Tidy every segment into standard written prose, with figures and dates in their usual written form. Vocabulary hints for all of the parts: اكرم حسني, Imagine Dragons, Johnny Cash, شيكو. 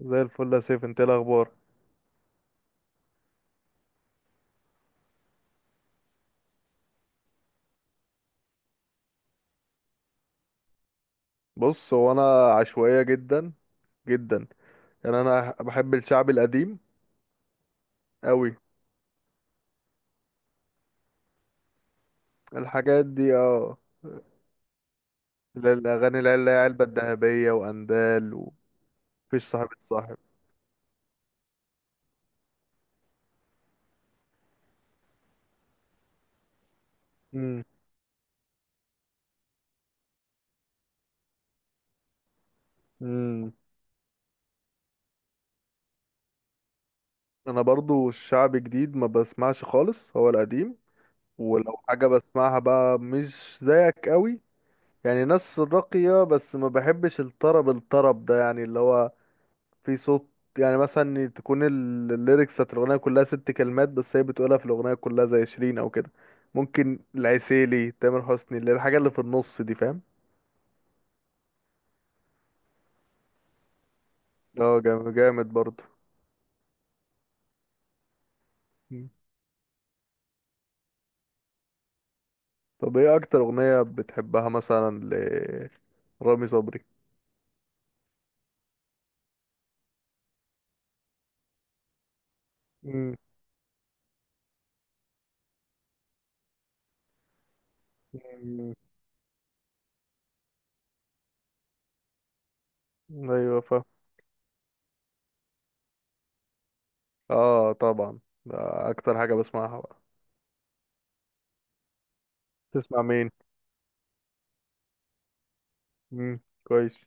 زي الفل يا سيف، انت ايه الاخبار؟ بص، هو انا عشوائيه جدا جدا. يعني انا بحب الشعب القديم قوي. الحاجات دي اه. اللي هي الاغاني اللي هي علبه الذهبيه واندال، ومفيش صاحب صاحب. امم. امم. انا برضو الشعب جديد ما بسمعش خالص، هو القديم. ولو حاجه بسمعها بقى مش زيك قوي، يعني ناس راقيه، بس ما بحبش الطرب الطرب ده، يعني اللي هو في صوت. يعني مثلا تكون الليركس بتاعت الأغنية كلها ست كلمات، بس هي بتقولها في الأغنية كلها زي شيرين أو كده. ممكن العسيلي، تامر حسني، اللي الحاجة اللي في النص دي، فاهم؟ اه جامد برضه. مم. طب ايه أكتر أغنية بتحبها مثلا لرامي صبري؟ مم. مم. ايوه فاهم. اه طبعا، ده أكتر حاجة بسمعها بقى. تسمع مين؟ مم، كويس.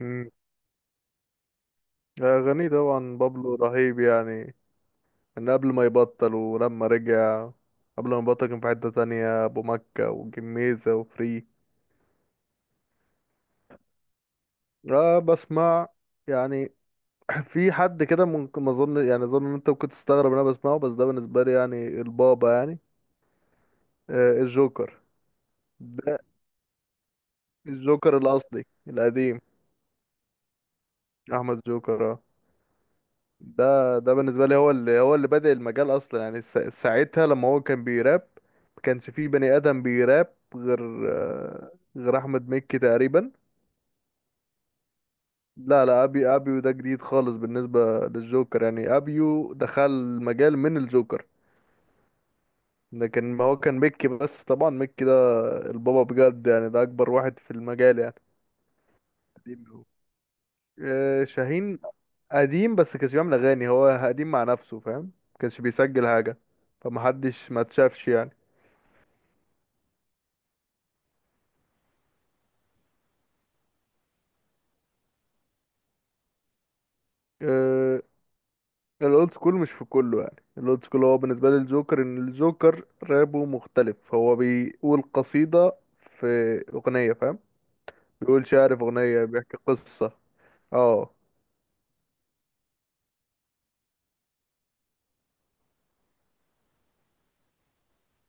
مم. أغاني، طبعا بابلو رهيب يعني، ان قبل ما يبطل ولما رجع. قبل ما يبطل كان في حتة تانية، ابو مكة والجميزة وفري. اه بسمع يعني، في حد كده ممكن، ما اظن يعني، اظن ان انت ممكن تستغرب ان انا بسمعه، بس ده بالنسبة لي يعني البابا يعني. الجوكر. ده الجوكر الاصلي القديم. احمد جوكر، اه. ده بالنسبة لي هو اللي بادئ المجال اصلا يعني، ساعتها لما هو كان بيراب. ما كانش فيه بني ادم بيراب غير، آه، غير احمد مكي تقريبا. لا لا، ابيو ده جديد خالص بالنسبه للجوكر، يعني ابيو دخل مجال من الجوكر. لكن ما هو كان ميكي بس، طبعا ميكي ده البابا بجد يعني، ده اكبر واحد في المجال يعني. قديم هو، شاهين. قديم بس كانش بيعمل اغاني، هو قديم مع نفسه، فاهم؟ كانش بيسجل حاجه، فمحدش ما اتشافش يعني. آه، الاولد سكول مش في كله يعني، الاولد سكول هو بالنسبه لي الجوكر، ان الجوكر رابه مختلف، هو بيقول قصيده في اغنيه، فاهم؟ بيقول شعر في أغنية، بيحكي قصة. اه.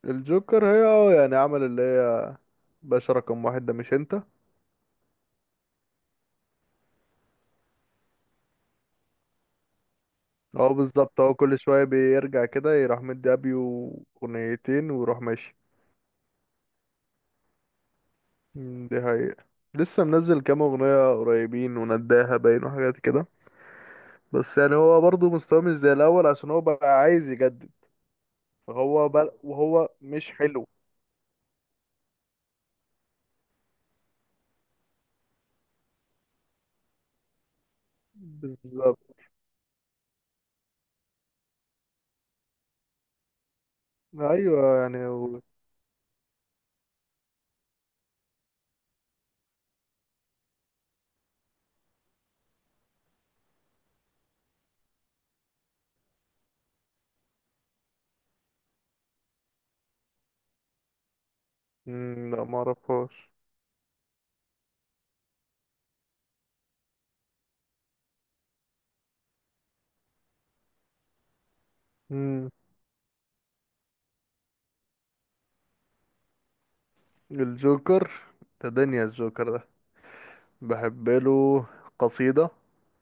الجوكر، هي اه يعني، عمل اللي هي باشا رقم واحد ده، مش انت؟ اه بالظبط، هو كل شوية بيرجع كده، يروح مدي أبيو أغنيتين ويروح ماشي. مم، دي حقيقة. لسه منزل كام أغنية قريبين، ونداها باين وحاجات كده. بس يعني هو برضه مستواه مش زي الأول، عشان هو بقى عايز يجدد، فهو بل وهو مش حلو. بالظبط. أيوه، يعني هو. مم، لا معرفهاش. الجوكر، ده دنيا الجوكر ده. بحب له قصيدة.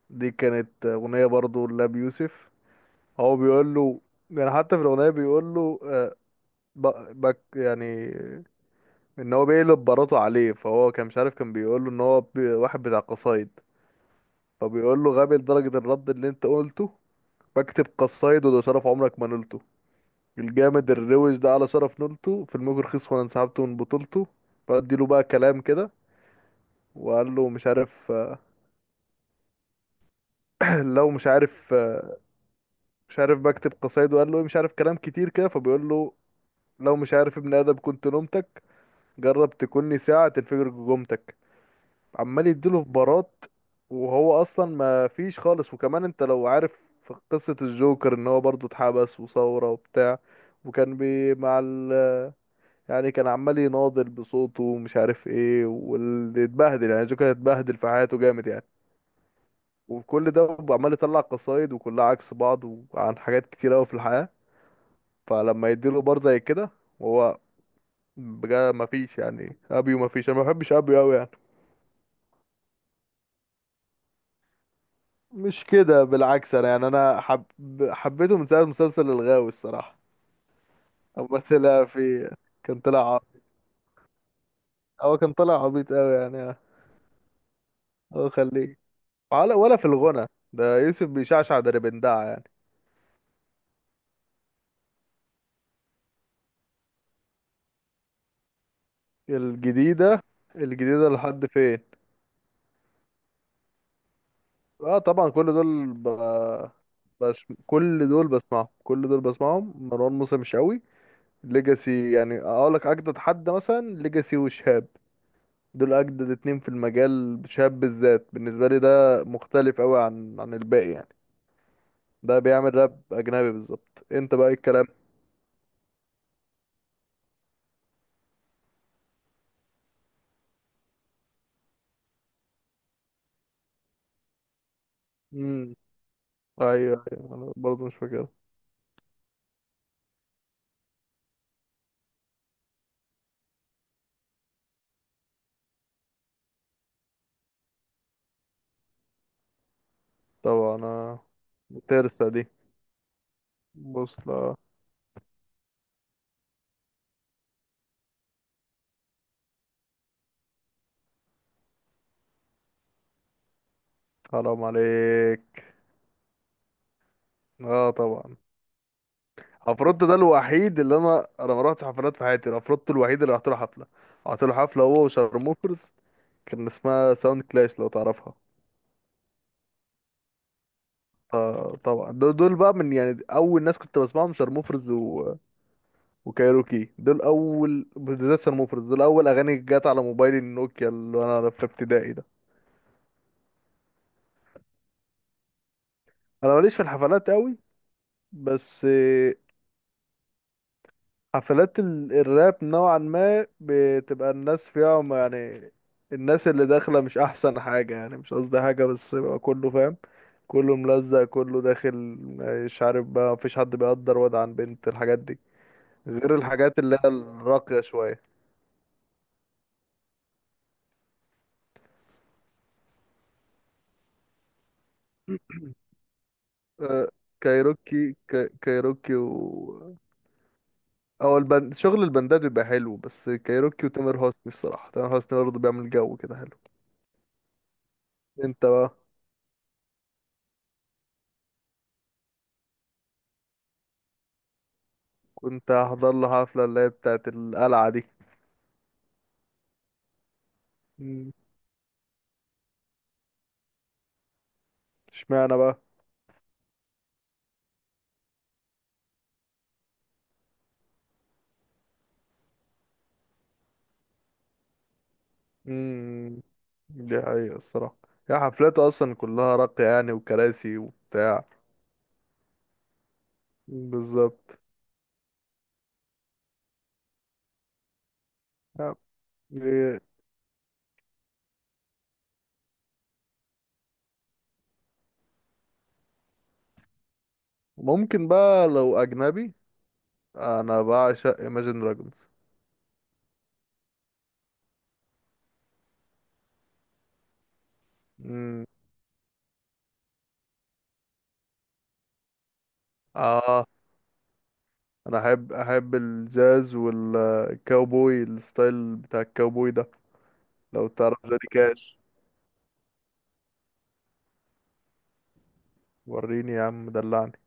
دي كانت أغنية برضو لأبي يوسف. هو بيقول له، يعني حتى في الأغنية بيقول له، بك يعني، إن هو بيقلب براته عليه. فهو كان مش عارف، كان بيقول له إن هو واحد بتاع قصايد. فبيقول له غبي لدرجة الرد اللي أنت قلته، بكتب قصايد وده شرف عمرك ما نلته. الجامد الروش ده على شرف نلته في الموج رخيص، وأنا انسحبت من بطولته. فأدي له بقى كلام كده، وقال له مش عارف، لو مش عارف، مش عارف بكتب قصايد. وقال له إيه مش عارف، كلام كتير كده فبيقول له لو مش عارف ابن آدم كنت نومتك، جرب تكوني ساعة تنفجر جمتك. عمال يديله في بارات، وهو أصلا ما فيش خالص. وكمان أنت لو عارف في قصة الجوكر، إن هو برضه اتحبس وثورة وبتاع، وكان بي مع ال، يعني كان عمال يناضل بصوته ومش عارف ايه واللي اتبهدل، يعني الجوكر اتبهدل في حياته جامد يعني. وكل ده عمال يطلع قصايد، وكلها عكس بعض، وعن حاجات كتير قوي في الحياة. فلما يديله بار زي كده، وهو بجد مفيش يعني، ابيو مفيش، انا ما بحبش ابيو قوي يعني. مش كده، بالعكس، انا يعني حبيته من ساعه مسلسل الغاوي الصراحه. اما طلع في، كان طلع عبيط، هو كان طلع عبيط قوي يعني. هو خليه ولا في الغنى ده، يوسف بيشعشع دربندعة يعني. الجديده. الجديده لحد فين؟ اه طبعا، بس كل دول بسمعهم، مروان موسى مش قوي. ليجاسي يعني، اقول لك اجدد حد مثلا، ليجاسي وشهاب، دول اجدد اتنين في المجال. شهاب بالذات بالنسبه لي، ده مختلف قوي عن الباقي يعني. ده بيعمل راب اجنبي بالظبط، انت بقى إيه الكلام. امم. ايوه ايوه، انا برضه مش فاكر. طبعا، انا ترسة دي. بص، لا. حرام عليك. اه طبعا، عفروتو ده الوحيد اللي انا ما رحتش حفلات في حياتي، عفروتو الوحيد اللي رحت له حفله. رحت له حفله هو وشارموفرز. كان اسمها ساوند كلاش، لو تعرفها؟ اه طبعا، دول بقى من يعني، اول ناس كنت بسمعهم شارموفرز و... وكايروكي، دول اول، بالذات شارموفرز، دول اول اغاني جت على موبايلي النوكيا، اللي انا في ابتدائي ده. انا ماليش في الحفلات قوي. بس حفلات ال... الراب نوعا ما بتبقى الناس فيها ما يعني، الناس اللي داخله مش احسن حاجه يعني، مش قصدي حاجه، بس بقى كله فاهم، كله ملزق، كله داخل، مش عارف بقى مفيش حد بيقدر واد عن بنت، الحاجات دي. غير الحاجات اللي هي الراقية شوية. آه، كايروكي، كايروكي، و او البند... شغل البندات بيبقى حلو، بس كايروكي وتامر حسني، الصراحة تامر حسني برضه بيعمل جو كده حلو. انت بقى. كنت هحضر له حفلة اللي هي بتاعت القلعة دي. مم، اشمعنى بقى؟ امم، دي حقيقة الصراحة. هي حفلاته اصلا كلها راقية يعني، وكراسي وبتاع. بالظبط. آه، إيه، ممكن بقى لو اجنبي، انا بعشق Imagine Dragons. امم. اه، انا احب الجاز والكاوبوي، الستايل بتاع الكاوبوي ده. لو تعرف جوني كاش. وريني يا عم، دلعني.